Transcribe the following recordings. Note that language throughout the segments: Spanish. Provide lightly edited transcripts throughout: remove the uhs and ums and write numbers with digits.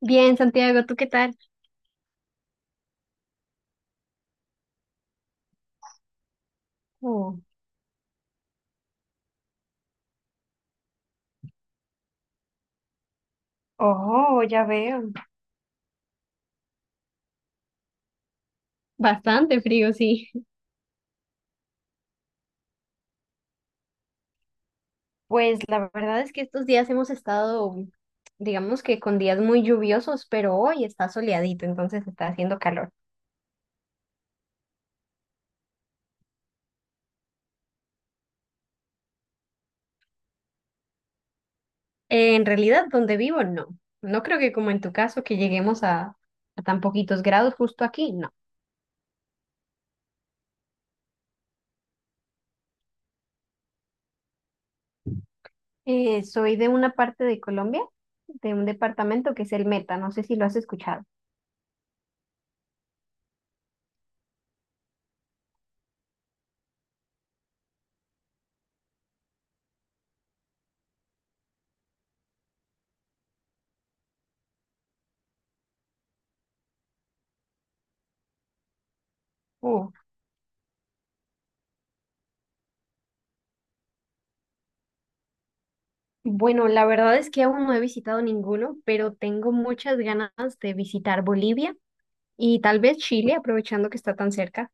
Bien, Santiago, ¿tú qué tal? Oh. Oh, ya veo. Bastante frío, sí. Pues la verdad es que estos días hemos estado, digamos que con días muy lluviosos, pero hoy está soleadito, entonces está haciendo calor. En realidad, donde vivo, no. No creo que como en tu caso, que lleguemos a tan poquitos grados justo aquí, no. Soy de una parte de Colombia, de un departamento que es el Meta, no sé si lo has escuchado. Bueno, la verdad es que aún no he visitado ninguno, pero tengo muchas ganas de visitar Bolivia y tal vez Chile, aprovechando que está tan cerca.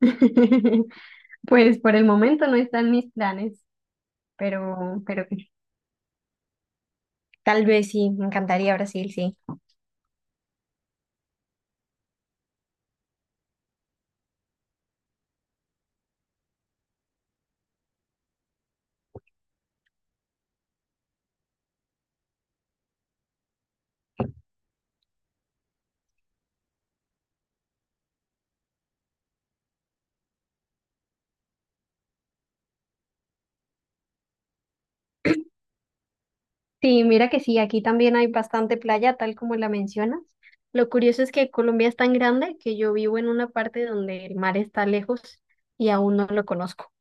Pues por el momento no están mis planes, pero tal vez sí, me encantaría Brasil, sí. Sí, mira que sí, aquí también hay bastante playa, tal como la mencionas. Lo curioso es que Colombia es tan grande que yo vivo en una parte donde el mar está lejos y aún no lo conozco.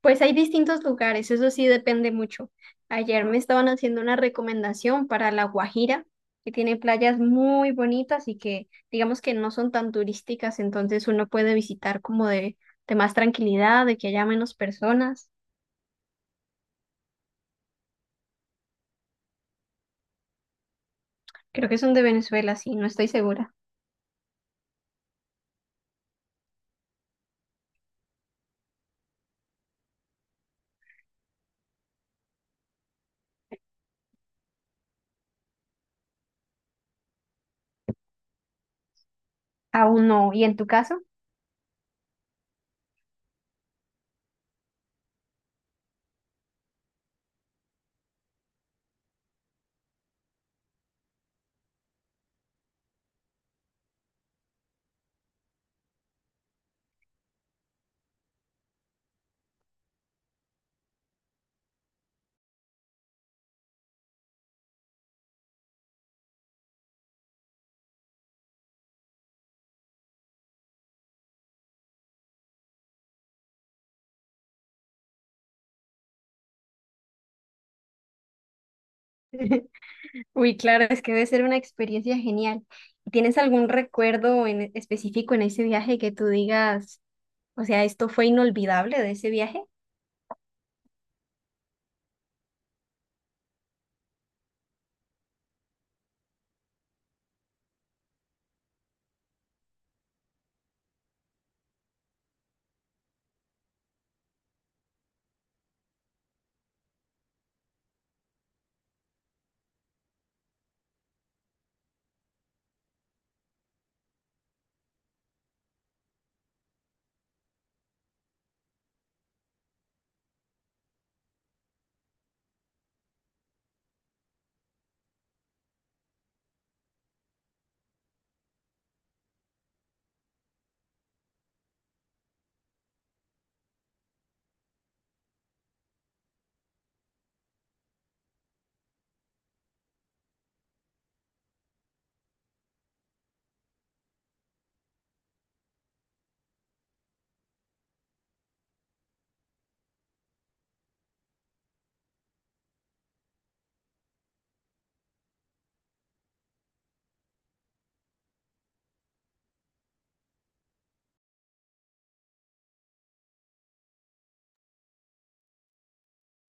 Pues hay distintos lugares, eso sí depende mucho. Ayer me estaban haciendo una recomendación para La Guajira, que tiene playas muy bonitas y que digamos que no son tan turísticas, entonces uno puede visitar como de más tranquilidad, de que haya menos personas. Creo que son de Venezuela, sí, no estoy segura. Aún no. ¿Y en tu caso? Uy, claro, es que debe ser una experiencia genial. ¿Tienes algún recuerdo en específico en ese viaje que tú digas, o sea, esto fue inolvidable de ese viaje?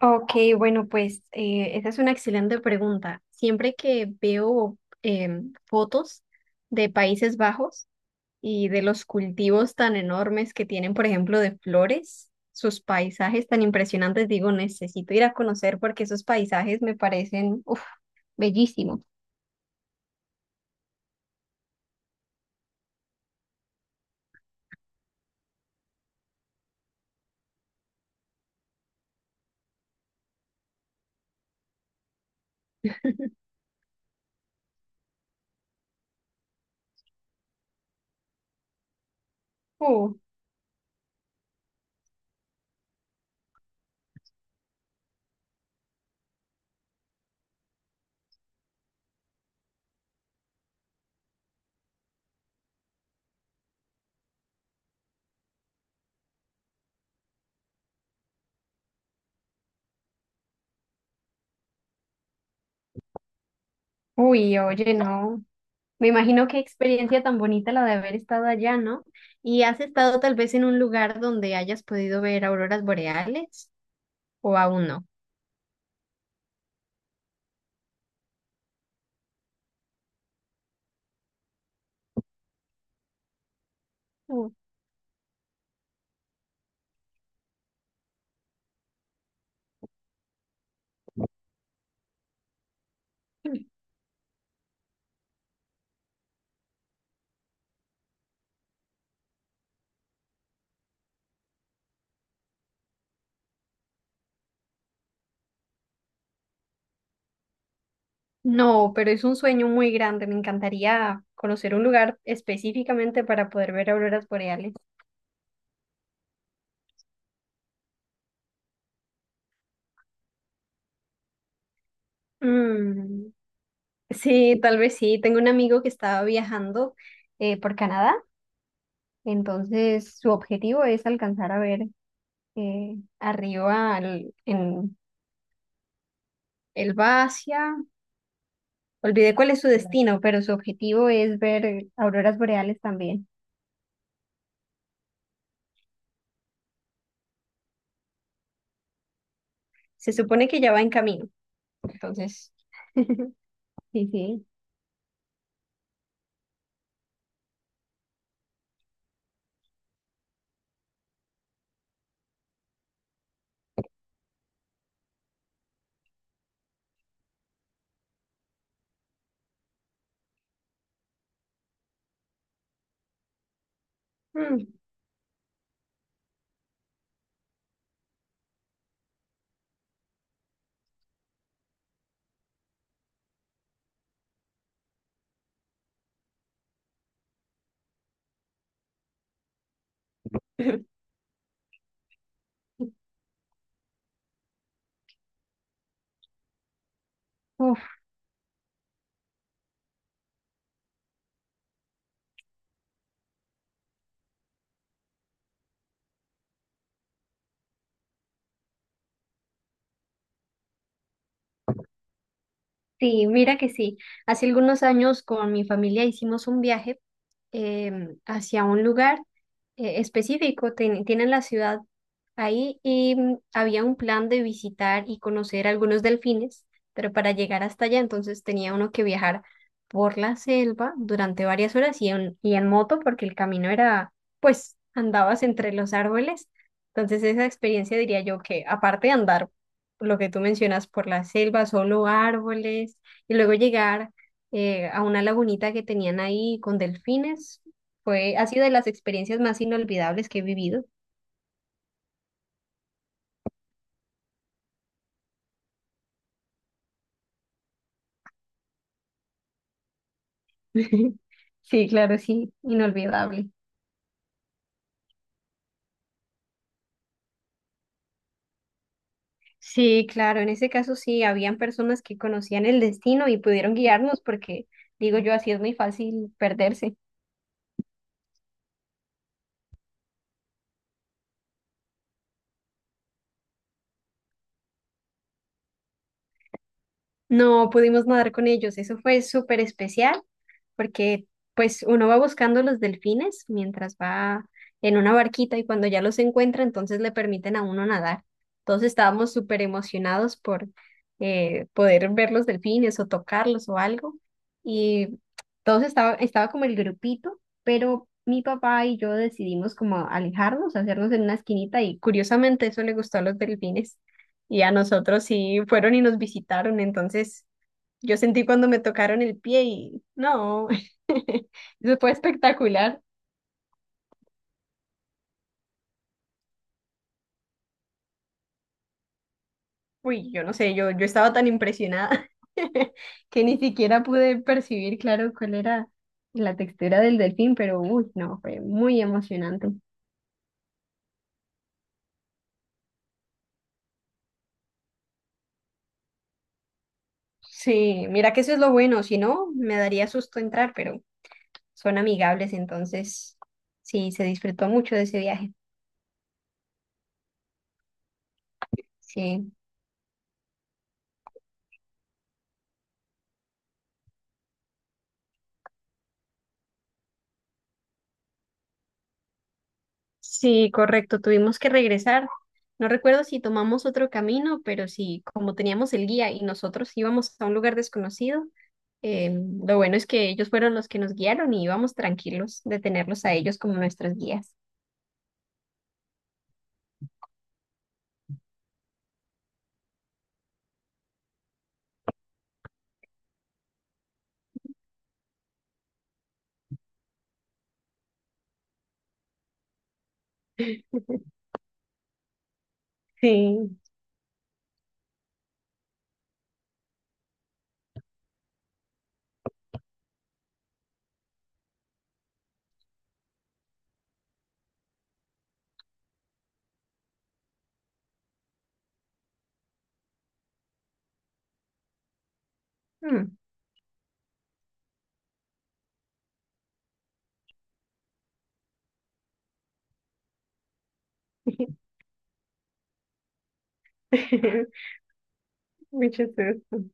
Ok, bueno, pues esa es una excelente pregunta. Siempre que veo fotos de Países Bajos y de los cultivos tan enormes que tienen, por ejemplo, de flores, sus paisajes tan impresionantes, digo, necesito ir a conocer porque esos paisajes me parecen, uf, bellísimos. Uy, oye, no. Me imagino qué experiencia tan bonita la de haber estado allá, ¿no? ¿Y has estado tal vez en un lugar donde hayas podido ver auroras boreales o aún no? Mm. No, pero es un sueño muy grande. Me encantaría conocer un lugar específicamente para poder ver auroras boreales. Mm, sí, tal vez sí. Tengo un amigo que estaba viajando por Canadá, entonces su objetivo es alcanzar a ver arriba al- en Él va hacia, olvidé cuál es su destino, pero su objetivo es ver auroras boreales también. Se supone que ya va en camino, entonces. Sí, sí. Mm. Uf. Sí, mira que sí. Hace algunos años con mi familia hicimos un viaje hacia un lugar específico. Tienen la ciudad ahí y mm, había un plan de visitar y conocer algunos delfines, pero para llegar hasta allá entonces tenía uno que viajar por la selva durante varias horas y y en moto porque el camino era, pues, andabas entre los árboles. Entonces esa experiencia diría yo que aparte de andar lo que tú mencionas, por la selva, solo árboles, y luego llegar a una lagunita que tenían ahí con delfines, fue, ha sido de las experiencias más inolvidables que he vivido. Sí, claro, sí, inolvidable. Sí, claro, en ese caso sí, habían personas que conocían el destino y pudieron guiarnos porque, digo yo, así es muy fácil perderse. No pudimos nadar con ellos, eso fue súper especial porque pues uno va buscando los delfines mientras va en una barquita y cuando ya los encuentra, entonces le permiten a uno nadar. Todos estábamos súper emocionados por poder ver los delfines o tocarlos o algo. Y todos estaba como el grupito, pero mi papá y yo decidimos como alejarnos, hacernos en una esquinita y curiosamente eso le gustó a los delfines. Y a nosotros sí fueron y nos visitaron, entonces yo sentí cuando me tocaron el pie y no, eso fue espectacular. Uy, yo no sé, yo estaba tan impresionada que ni siquiera pude percibir, claro, cuál era la textura del delfín, pero uy, no, fue muy emocionante. Sí, mira que eso es lo bueno, si no, me daría susto entrar, pero son amigables, entonces sí, se disfrutó mucho de ese viaje. Sí. Sí, correcto, tuvimos que regresar. No recuerdo si tomamos otro camino, pero sí, como teníamos el guía y nosotros íbamos a un lugar desconocido, eh, lo bueno es que ellos fueron los que nos guiaron y íbamos tranquilos de tenerlos a ellos como nuestros guías. Sí. Mm. Muy chistoso.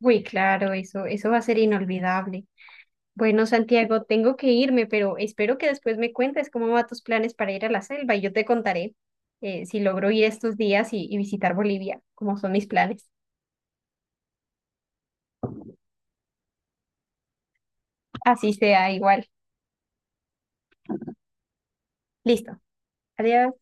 Uy, claro, eso va a ser inolvidable. Bueno, Santiago, tengo que irme, pero espero que después me cuentes cómo van tus planes para ir a la selva y yo te contaré si logro ir estos días y visitar Bolivia, cómo son mis planes. Así sea, igual. Listo. Adiós.